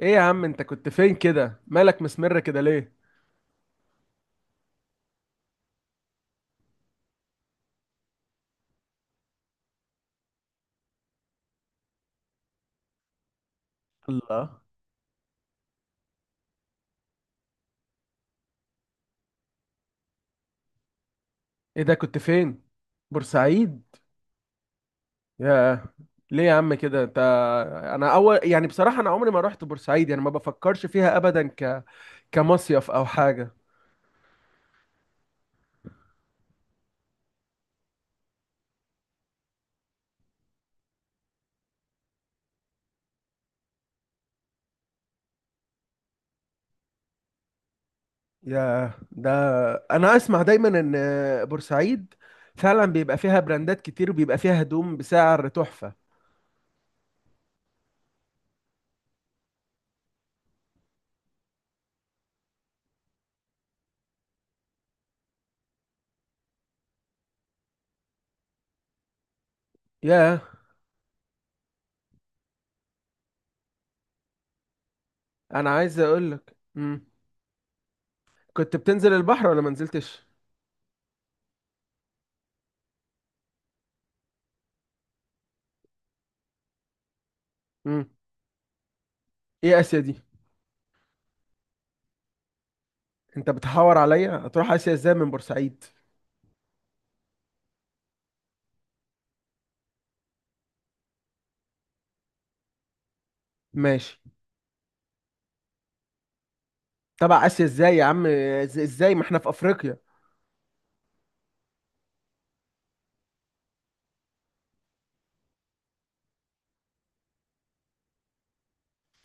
ايه يا عم، انت كنت فين كده؟ مالك مسمر كده ليه؟ الله. ايه ده؟ كنت فين؟ بورسعيد؟ يا. ليه يا عم كده انت؟ انا اول، يعني بصراحة انا عمري ما رحت بورسعيد، يعني ما بفكرش فيها ابدا كمصيف او حاجة. يا ده، انا اسمع دايما ان بورسعيد فعلا بيبقى فيها براندات كتير وبيبقى فيها هدوم بسعر تحفة. يا، انا عايز اقولك. كنت بتنزل البحر ولا ما نزلتش؟ مم. ايه اسيا دي؟ انت بتحور عليا؟ هتروح اسيا ازاي من بورسعيد؟ ماشي. تبع اسيا ازاي يا عم؟ ازاي ما احنا في افريقيا؟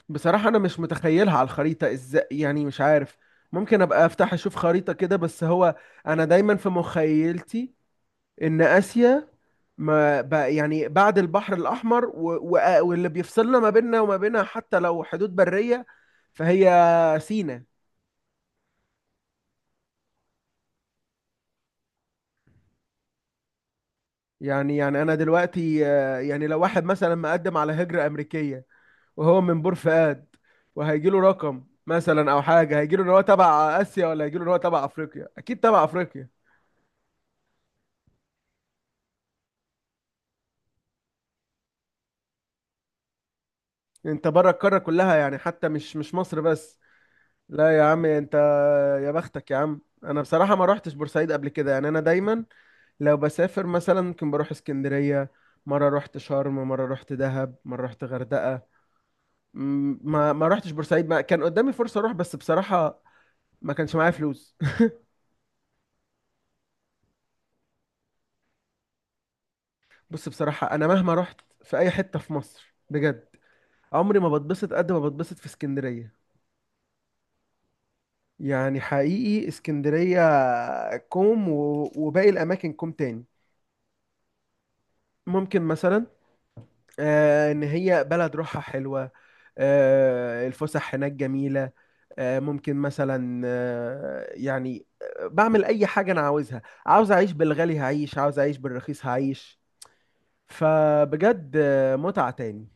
بصراحة انا مش متخيلها على الخريطة ازاي، يعني مش عارف. ممكن ابقى افتح اشوف خريطة كده، بس هو انا دايما في مخيلتي ان اسيا ما بقى، يعني بعد البحر الاحمر واللي بيفصلنا ما بيننا وما بينها حتى لو حدود برية، فهي سينا. يعني انا دلوقتي، يعني لو واحد مثلا مقدم على هجرة امريكية وهو من بور فؤاد، وهيجي له رقم مثلا او حاجه، هيجي له ان هو تبع اسيا ولا هيجي له ان هو تبع افريقيا؟ اكيد تبع افريقيا. انت بره القاره كلها، يعني حتى مش مصر بس. لا يا عم انت. يا بختك يا عم، انا بصراحه ما روحتش بورسعيد قبل كده، يعني انا دايما لو بسافر مثلا ممكن بروح اسكندريه. مره رحت شرم، مره رحت دهب، مره رحت غردقه. ما روحتش بورسعيد، ما كان قدامي فرصه اروح، بس بصراحه ما كانش معايا فلوس. بص، بصراحه انا مهما رحت في اي حته في مصر، بجد عمري ما بتبسط قد ما بتبسط في اسكندرية. يعني حقيقي اسكندرية كوم، و- وباقي الأماكن كوم تاني. ممكن مثلا إن هي بلد روحها حلوة، الفسح هناك جميلة. ممكن مثلا، يعني بعمل أي حاجة أنا عاوزها. عاوز أعيش بالغالي هعيش، عاوز أعيش بالرخيص هعيش. فبجد متعة تاني.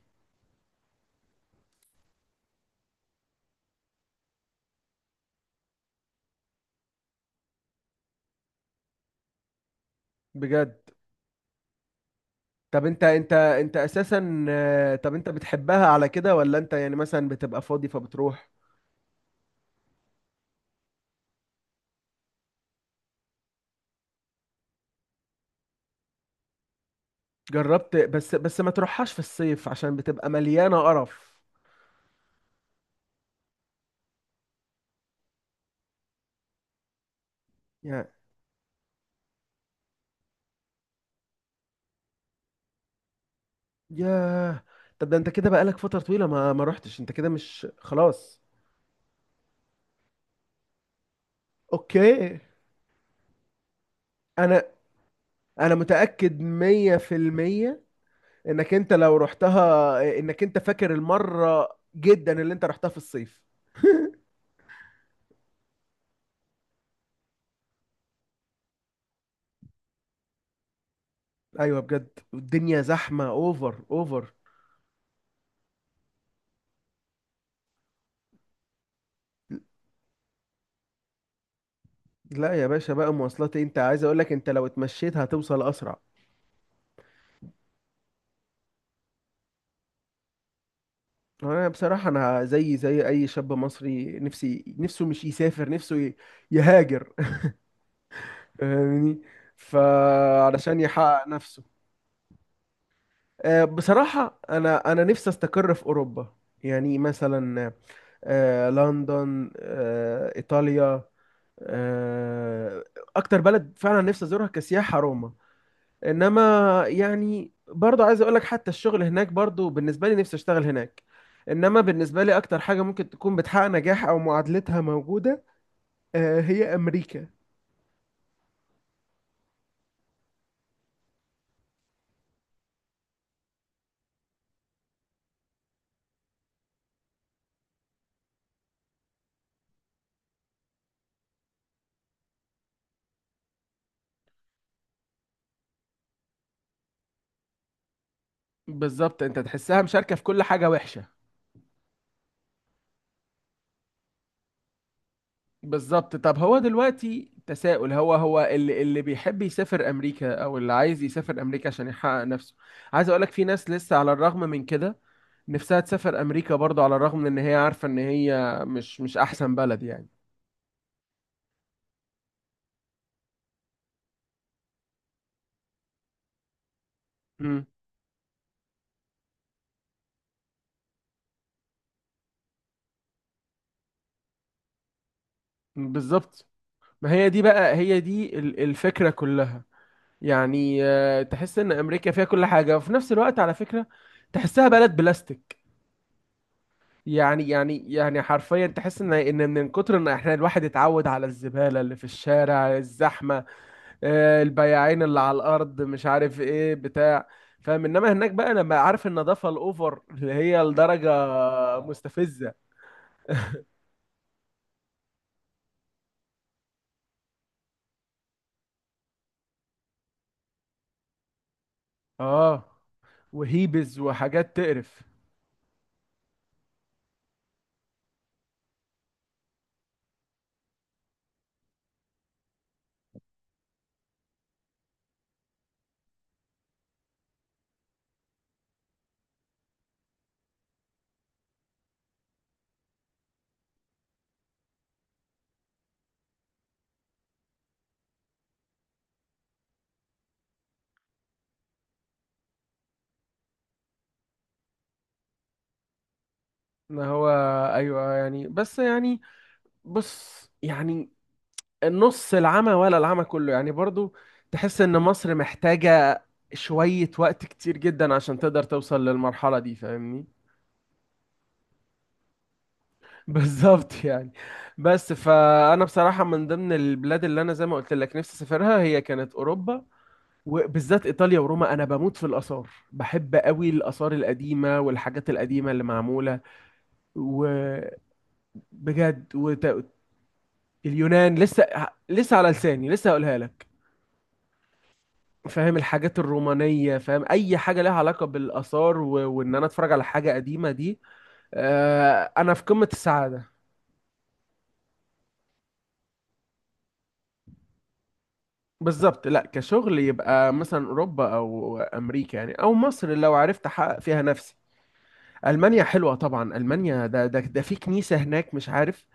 بجد؟ طب انت انت اساسا، طب انت بتحبها على كده، ولا انت يعني مثلا بتبقى فاضي فبتروح؟ جربت، بس ما تروحهاش في الصيف عشان بتبقى مليانة قرف. يا، ياه. طب ده انت كده بقالك فترة طويلة ما روحتش، انت كده مش خلاص؟ اوكي. انا انا متأكد 100% انك انت لو رحتها انك انت فاكر المرة جدا اللي انت رحتها في الصيف. ايوه، بجد الدنيا زحمة اوفر اوفر. لا يا باشا، بقى مواصلات إيه؟ انت عايز اقول لك، انت لو اتمشيت هتوصل اسرع. انا بصراحة، انا زي اي شاب مصري نفسي نفسه مش يسافر، نفسه يهاجر. فاهمني؟ فعلشان يحقق نفسه. بصراحة، انا نفسي استقر في اوروبا. يعني مثلا لندن، ايطاليا، آه، اكتر بلد فعلا نفسي ازورها كسياحة روما. انما يعني برضه، عايز اقول لك حتى الشغل هناك برضه، بالنسبه لي نفسي اشتغل هناك. انما بالنسبه لي اكتر حاجه ممكن تكون بتحقق نجاح او معادلتها موجوده، هي امريكا. بالظبط، انت تحسها مشاركه في كل حاجه وحشه. بالظبط. طب هو دلوقتي تساؤل، هو اللي بيحب يسافر امريكا او اللي عايز يسافر امريكا عشان يحقق نفسه. عايز اقول لك، في ناس لسه على الرغم من كده نفسها تسافر امريكا برضه، على الرغم من ان هي عارفه ان هي مش احسن بلد يعني. امم. بالظبط. ما هي دي بقى، هي دي الفكرة كلها. يعني تحس ان امريكا فيها كل حاجة، وفي نفس الوقت على فكرة تحسها بلد بلاستيك. يعني حرفيا تحس ان من كتر ان احنا الواحد اتعود على الزبالة اللي في الشارع، الزحمة، البياعين اللي على الارض، مش عارف ايه بتاع، فاهم؟ انما هناك بقى لما عارف النظافة الاوفر اللي هي لدرجة مستفزة. اه، وهيبز وحاجات تقرف. ما هو، ايوه يعني، بس يعني، بص يعني النص العمى ولا العمى كله، يعني برضو. تحس ان مصر محتاجة شوية وقت كتير جدا عشان تقدر توصل للمرحلة دي، فاهمني؟ بالظبط يعني. بس، فأنا بصراحة من ضمن البلاد اللي أنا زي ما قلت لك نفسي أسافرها هي كانت أوروبا، وبالذات إيطاليا وروما. أنا بموت في الآثار، بحب قوي الآثار القديمة والحاجات القديمة اللي معمولة. وبجد. وت... اليونان لسه، لسه على لساني، لسه هقولها لك. فاهم، الحاجات الرومانية، فاهم أي حاجة لها علاقة بالآثار وإن أنا أتفرج على حاجة قديمة دي، أنا في قمة السعادة. بالظبط. لا كشغل يبقى مثلا أوروبا أو أمريكا يعني، أو مصر لو عرفت أحقق فيها نفسي. ألمانيا حلوة طبعا، ألمانيا ده في كنيسة هناك، مش عارف،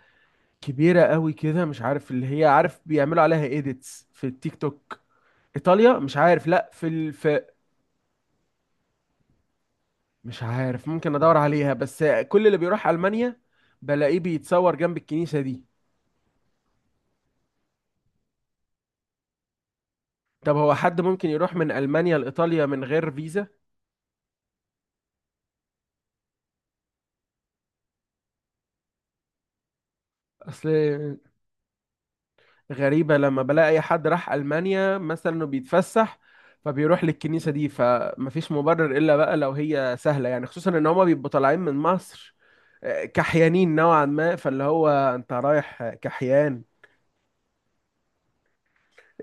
كبيرة قوي كده، مش عارف اللي هي، عارف بيعملوا عليها إيديتس في التيك توك. إيطاليا؟ مش عارف، لا في مش عارف، ممكن ادور عليها، بس كل اللي بيروح المانيا بلاقيه بيتصور جنب الكنيسة دي. طب هو حد ممكن يروح من المانيا لايطاليا من غير فيزا؟ اصل. غريبة لما بلاقي اي حد راح المانيا مثلا انه بيتفسح، فبيروح للكنيسة دي، فمفيش مبرر الا بقى لو هي سهلة، يعني خصوصا ان هما بيبقوا طالعين من مصر كحيانين نوعا ما، فاللي هو انت رايح كحيان.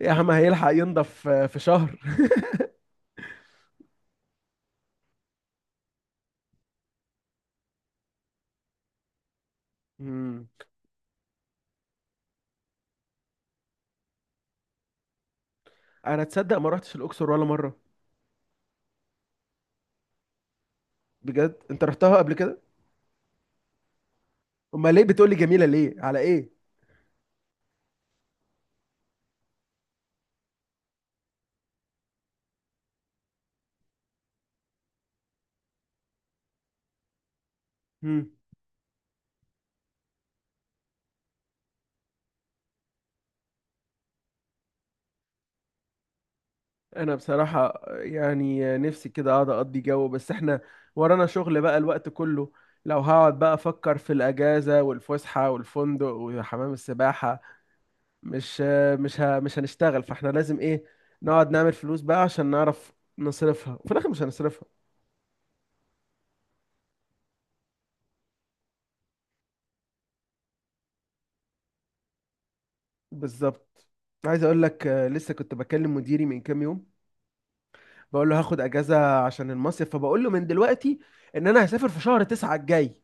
يا عم هيلحق ينضف في شهر؟ مم. انا تصدق ما رحتش الاقصر ولا مرة. بجد؟ انت رحتها قبل كده؟ امال ليه بتقولي جميله، ليه على ايه؟ مم. انا بصراحه يعني نفسي كده اقعد اقضي جو، بس احنا ورانا شغل بقى الوقت كله. لو هقعد بقى افكر في الاجازه والفسحه والفندق وحمام السباحه، مش مش هنشتغل، فاحنا لازم ايه؟ نقعد نعمل فلوس بقى عشان نعرف نصرفها، وفي الاخر مش هنصرفها. بالظبط. عايز اقول لك، لسه كنت بكلم مديري من كام يوم بقول له هاخد اجازه عشان المصيف، فبقول له من دلوقتي ان انا هسافر في شهر 9 الجاي.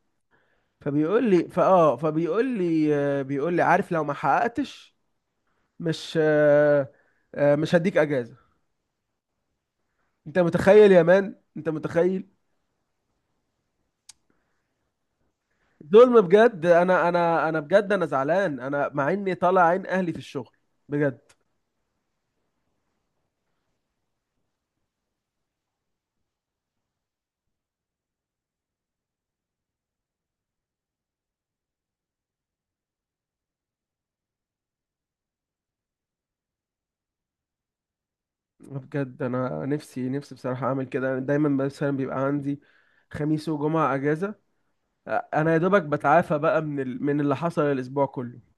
فبيقول لي بيقول لي، عارف، لو ما حققتش مش آه، آه، مش هديك اجازه. انت متخيل يا مان؟ انت متخيل؟ ظلم بجد. انا بجد انا زعلان، انا مع اني طالع عين اهلي في الشغل. بجد. بجد، انا نفسي بصراحه اعمل كده، دايما مثلا بيبقى عندي خميس وجمعه اجازه، انا يا دوبك بتعافى بقى من اللي حصل الاسبوع كله.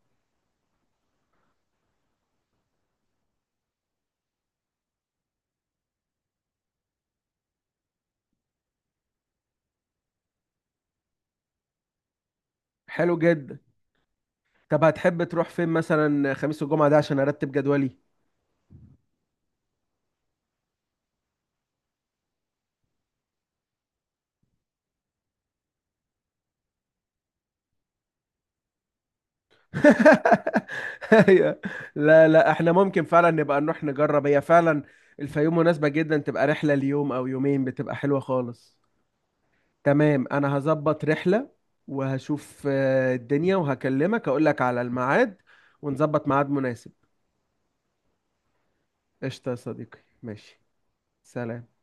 حلو جدا. طب هتحب تروح فين مثلا خميس والجمعة ده عشان ارتب جدولي؟ أيوة. لا لا، احنا ممكن فعلا نبقى نروح نجرب، هي فعلا الفيوم مناسبة جدا، تبقى رحلة ليوم او يومين بتبقى حلوة خالص. تمام، انا هظبط رحلة وهشوف الدنيا، وهكلمك اقول لك على الميعاد ونظبط ميعاد مناسب. قشطة يا صديقي، ماشي. سلام.